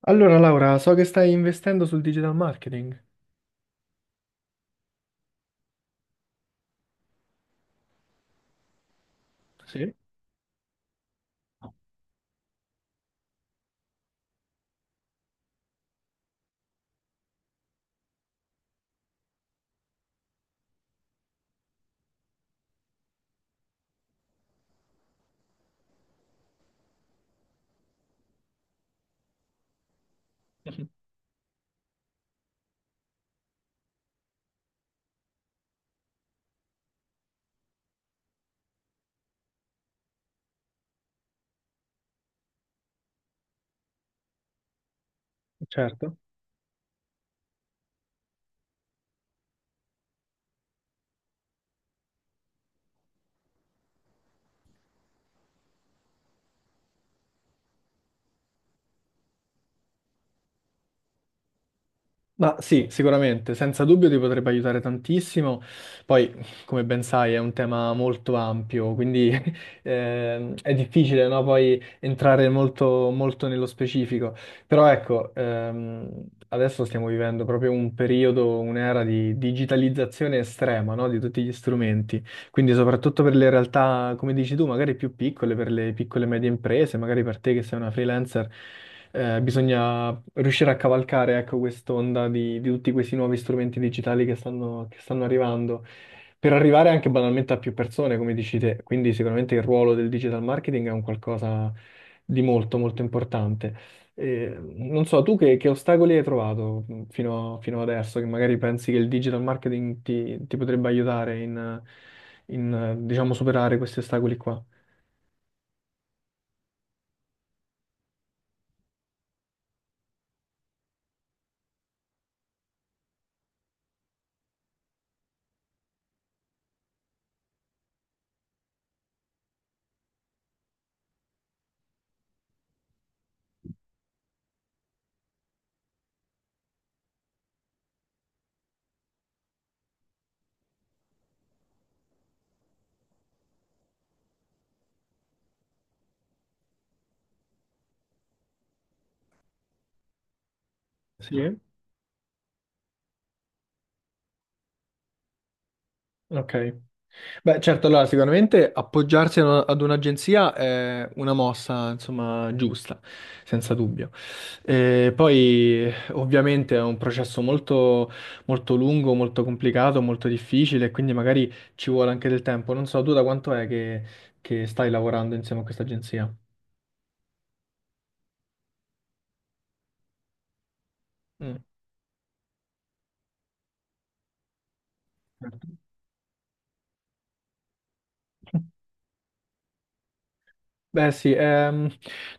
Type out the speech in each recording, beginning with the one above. Allora, Laura, so che stai investendo sul digital marketing. Sì. Mhm. Certo. Ma sì, sicuramente, senza dubbio ti potrebbe aiutare tantissimo. Poi, come ben sai, è un tema molto ampio, quindi è difficile, no? Poi entrare molto, molto nello specifico. Però ecco, adesso stiamo vivendo proprio un periodo, un'era di digitalizzazione estrema, no, di tutti gli strumenti. Quindi soprattutto per le realtà, come dici tu, magari più piccole, per le piccole e medie imprese, magari per te che sei una freelancer, bisogna riuscire a cavalcare, ecco, quest'onda di tutti questi nuovi strumenti digitali che stanno arrivando, per arrivare anche banalmente a più persone, come dici te. Quindi sicuramente il ruolo del digital marketing è un qualcosa di molto, molto importante. Non so, tu che ostacoli hai trovato fino, fino adesso, che magari pensi che il digital marketing ti, ti potrebbe aiutare in, in, diciamo, superare questi ostacoli qua? Sì? Ok. Beh, certo, allora sicuramente appoggiarsi a una- ad un'agenzia è una mossa, insomma, giusta, senza dubbio. E poi ovviamente è un processo molto, molto lungo, molto complicato, molto difficile, quindi magari ci vuole anche del tempo. Non so, tu da quanto è che stai lavorando insieme a questa agenzia? Mm. Certo. Beh sì,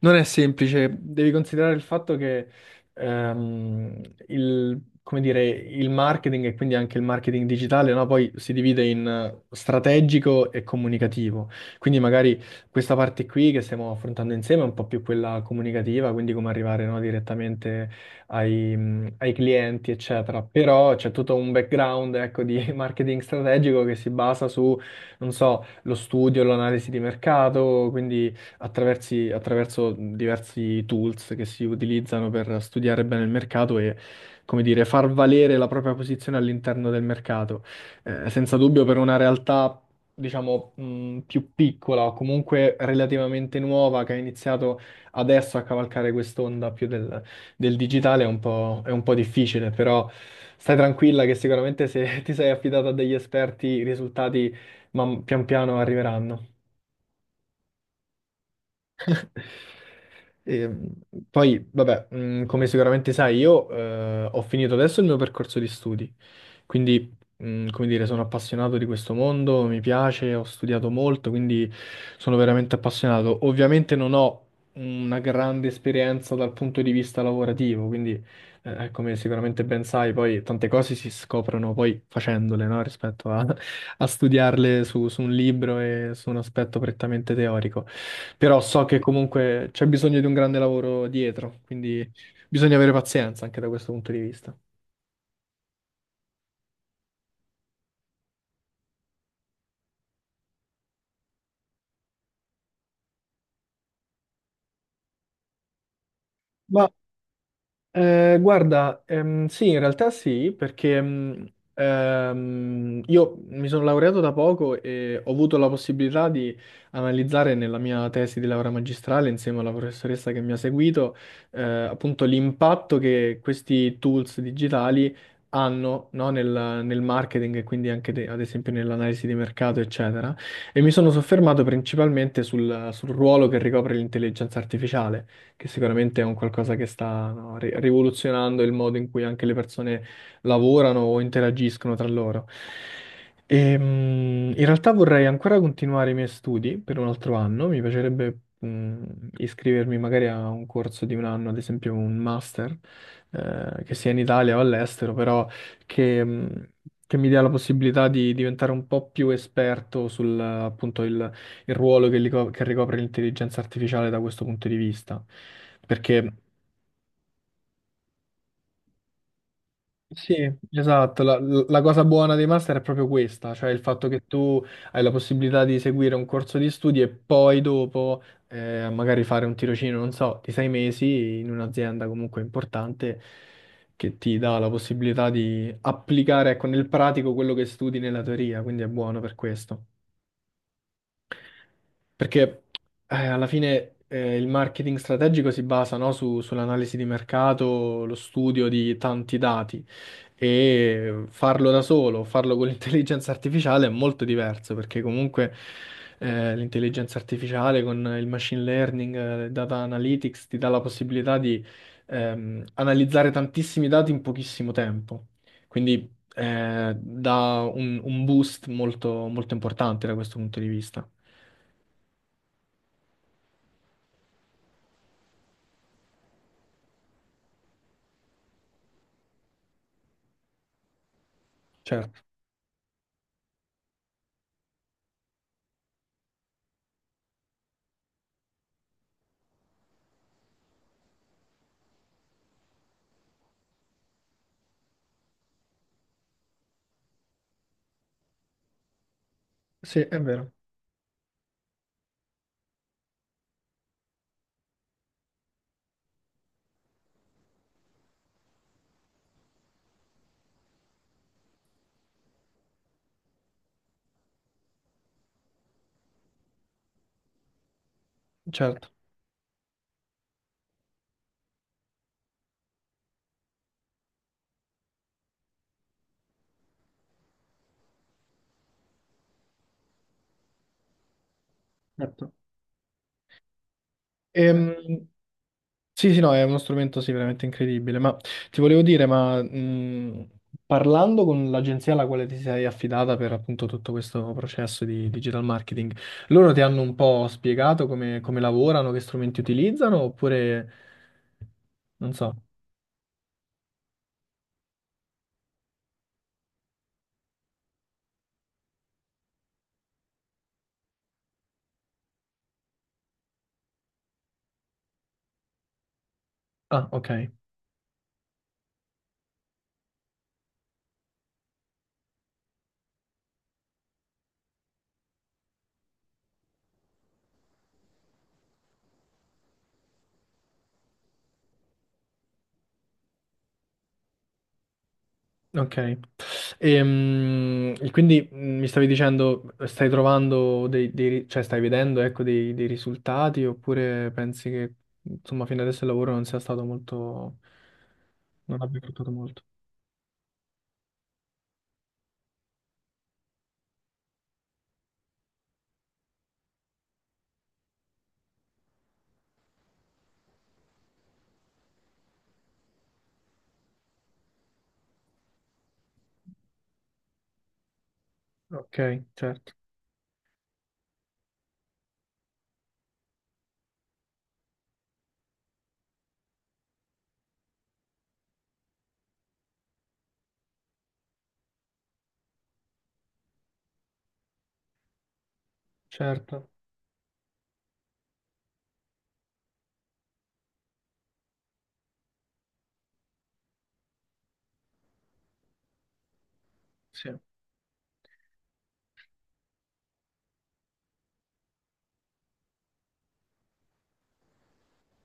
non è semplice, devi considerare il fatto che ehm, il, come dire, il marketing e quindi anche il marketing digitale, no, poi si divide in strategico e comunicativo. Quindi magari questa parte qui che stiamo affrontando insieme è un po' più quella comunicativa, quindi come arrivare, no, direttamente ai, ai clienti, eccetera. Però c'è tutto un background, ecco, di marketing strategico che si basa su, non so, lo studio, l'analisi di mercato, quindi attraverso diversi tools che si utilizzano per studiare bene il mercato e, come dire, far valere la propria posizione all'interno del mercato. Senza dubbio per una realtà, diciamo, più piccola o comunque relativamente nuova che ha iniziato adesso a cavalcare quest'onda più del, del digitale è un po' difficile, però stai tranquilla che sicuramente se ti sei affidata a degli esperti i risultati pian piano arriveranno. E, poi, vabbè, come sicuramente sai, io ho finito adesso il mio percorso di studi. Quindi, come dire, sono appassionato di questo mondo, mi piace, ho studiato molto, quindi sono veramente appassionato. Ovviamente non ho una grande esperienza dal punto di vista lavorativo, quindi, come sicuramente ben sai, poi tante cose si scoprono poi facendole, no? Rispetto a, a studiarle su, su un libro e su un aspetto prettamente teorico. Però so che comunque c'è bisogno di un grande lavoro dietro, quindi bisogna avere pazienza anche da questo punto di vista. Ma guarda, sì, in realtà sì, perché io mi sono laureato da poco e ho avuto la possibilità di analizzare nella mia tesi di laurea magistrale, insieme alla professoressa che mi ha seguito, appunto l'impatto che questi tools digitali hanno, no, nel, nel marketing e quindi anche ad esempio nell'analisi di mercato, eccetera. E mi sono soffermato principalmente sul ruolo che ricopre l'intelligenza artificiale che sicuramente è un qualcosa che sta, no, rivoluzionando il modo in cui anche le persone lavorano o interagiscono tra loro. In realtà vorrei ancora continuare i miei studi per un altro anno, mi piacerebbe iscrivermi magari a un corso di un anno, ad esempio un master, che sia in Italia o all'estero, però che, mh, che mi dia la possibilità di diventare un po' più esperto sul, appunto, il ruolo che, che ricopre l'intelligenza artificiale da questo punto di vista. Perché sì, esatto, la, la cosa buona dei master è proprio questa, cioè il fatto che tu hai la possibilità di seguire un corso di studi e poi dopo magari fare un tirocinio, non so, di sei mesi in un'azienda comunque importante che ti dà la possibilità di applicare, ecco, nel pratico quello che studi nella teoria, quindi è buono per questo. Perché alla fine il marketing strategico si basa, no, sull'analisi di mercato, lo studio di tanti dati e farlo da solo, farlo con l'intelligenza artificiale è molto diverso perché comunque l'intelligenza artificiale con il machine learning, il data analytics ti dà la possibilità di analizzare tantissimi dati in pochissimo tempo. Quindi dà un boost molto molto importante da questo punto di vista. Certo. Sì, è vero, certo. Certo. Eh, Ehm, sì, sì, no, è uno strumento sì, veramente incredibile, ma ti volevo dire, ma parlando con l'agenzia alla quale ti sei affidata per appunto tutto questo processo di digital marketing, loro ti hanno un po' spiegato come, come lavorano, che strumenti utilizzano, oppure non so. Ah, ok, ok. E, quindi mi stavi dicendo, stai trovando dei, cioè stai vedendo, ecco, dei, dei risultati oppure pensi che, insomma, fino adesso il lavoro non sia stato molto, non abbia portato molto? Ok, certo, certo, sì.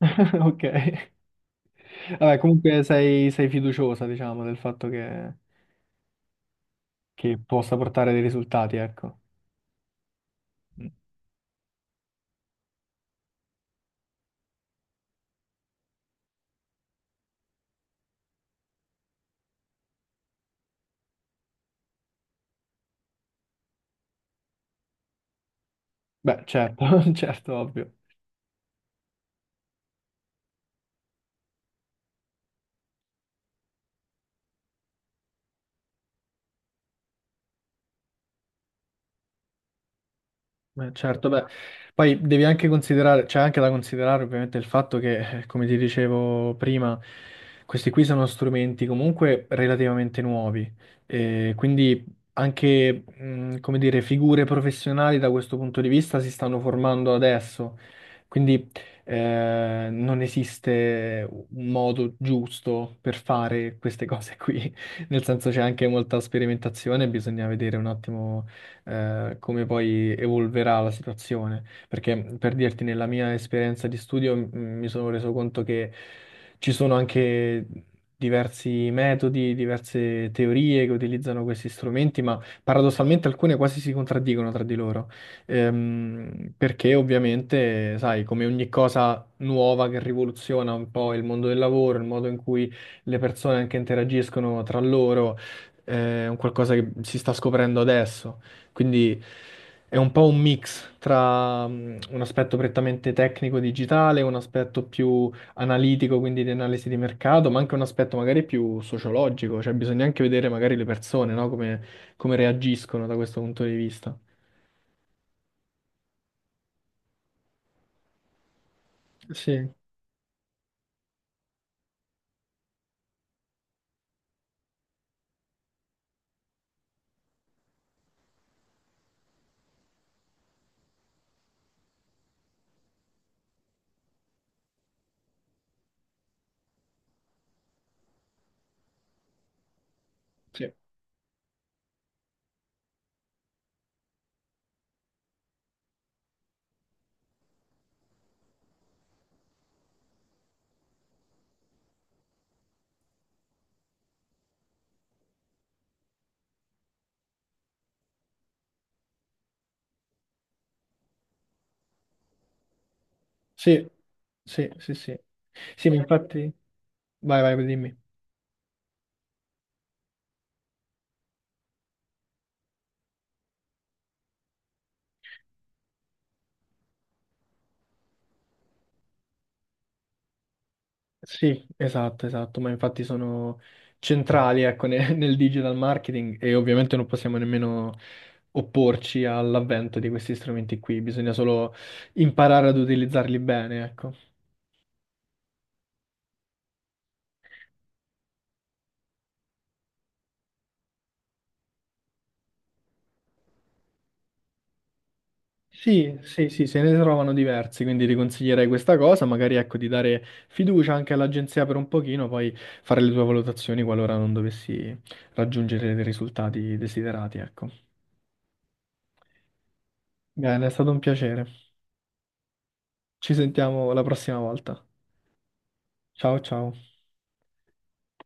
Ok. Vabbè, comunque sei, sei fiduciosa, diciamo, del fatto che possa portare dei risultati, ecco. Mm. Beh, certo, certo, ovvio. Beh, certo, beh, poi devi anche considerare, c'è anche da considerare ovviamente il fatto che, come ti dicevo prima, questi qui sono strumenti comunque relativamente nuovi, e quindi anche, come dire, figure professionali da questo punto di vista si stanno formando adesso, quindi non esiste un modo giusto per fare queste cose qui, nel senso c'è anche molta sperimentazione, bisogna vedere un attimo come poi evolverà la situazione. Perché per dirti, nella mia esperienza di studio mi sono reso conto che ci sono anche diversi metodi, diverse teorie che utilizzano questi strumenti, ma paradossalmente alcune quasi si contraddicono tra di loro. Perché ovviamente, sai, come ogni cosa nuova che rivoluziona un po' il mondo del lavoro, il modo in cui le persone anche interagiscono tra loro, è un qualcosa che si sta scoprendo adesso. Quindi è un po' un mix tra un aspetto prettamente tecnico digitale, un aspetto più analitico, quindi di analisi di mercato, ma anche un aspetto magari più sociologico, cioè bisogna anche vedere magari le persone, no? Come, come reagiscono da questo punto di vista. Sì, sì, sì, sì, sì, sì. Sì, ma infatti... Vai, vai, dimmi. Sì, esatto, esatto, ma infatti sono centrali, ecco, nel digital marketing e ovviamente non possiamo nemmeno opporci all'avvento di questi strumenti qui, bisogna solo imparare ad utilizzarli bene, ecco. Sì, sì, sì, se ne trovano diversi, quindi ti consiglierei questa cosa, magari ecco di dare fiducia anche all'agenzia per un pochino, poi fare le tue valutazioni qualora non dovessi raggiungere dei risultati desiderati, ecco. Bene, è stato un piacere. Ci sentiamo la prossima volta. Ciao ciao.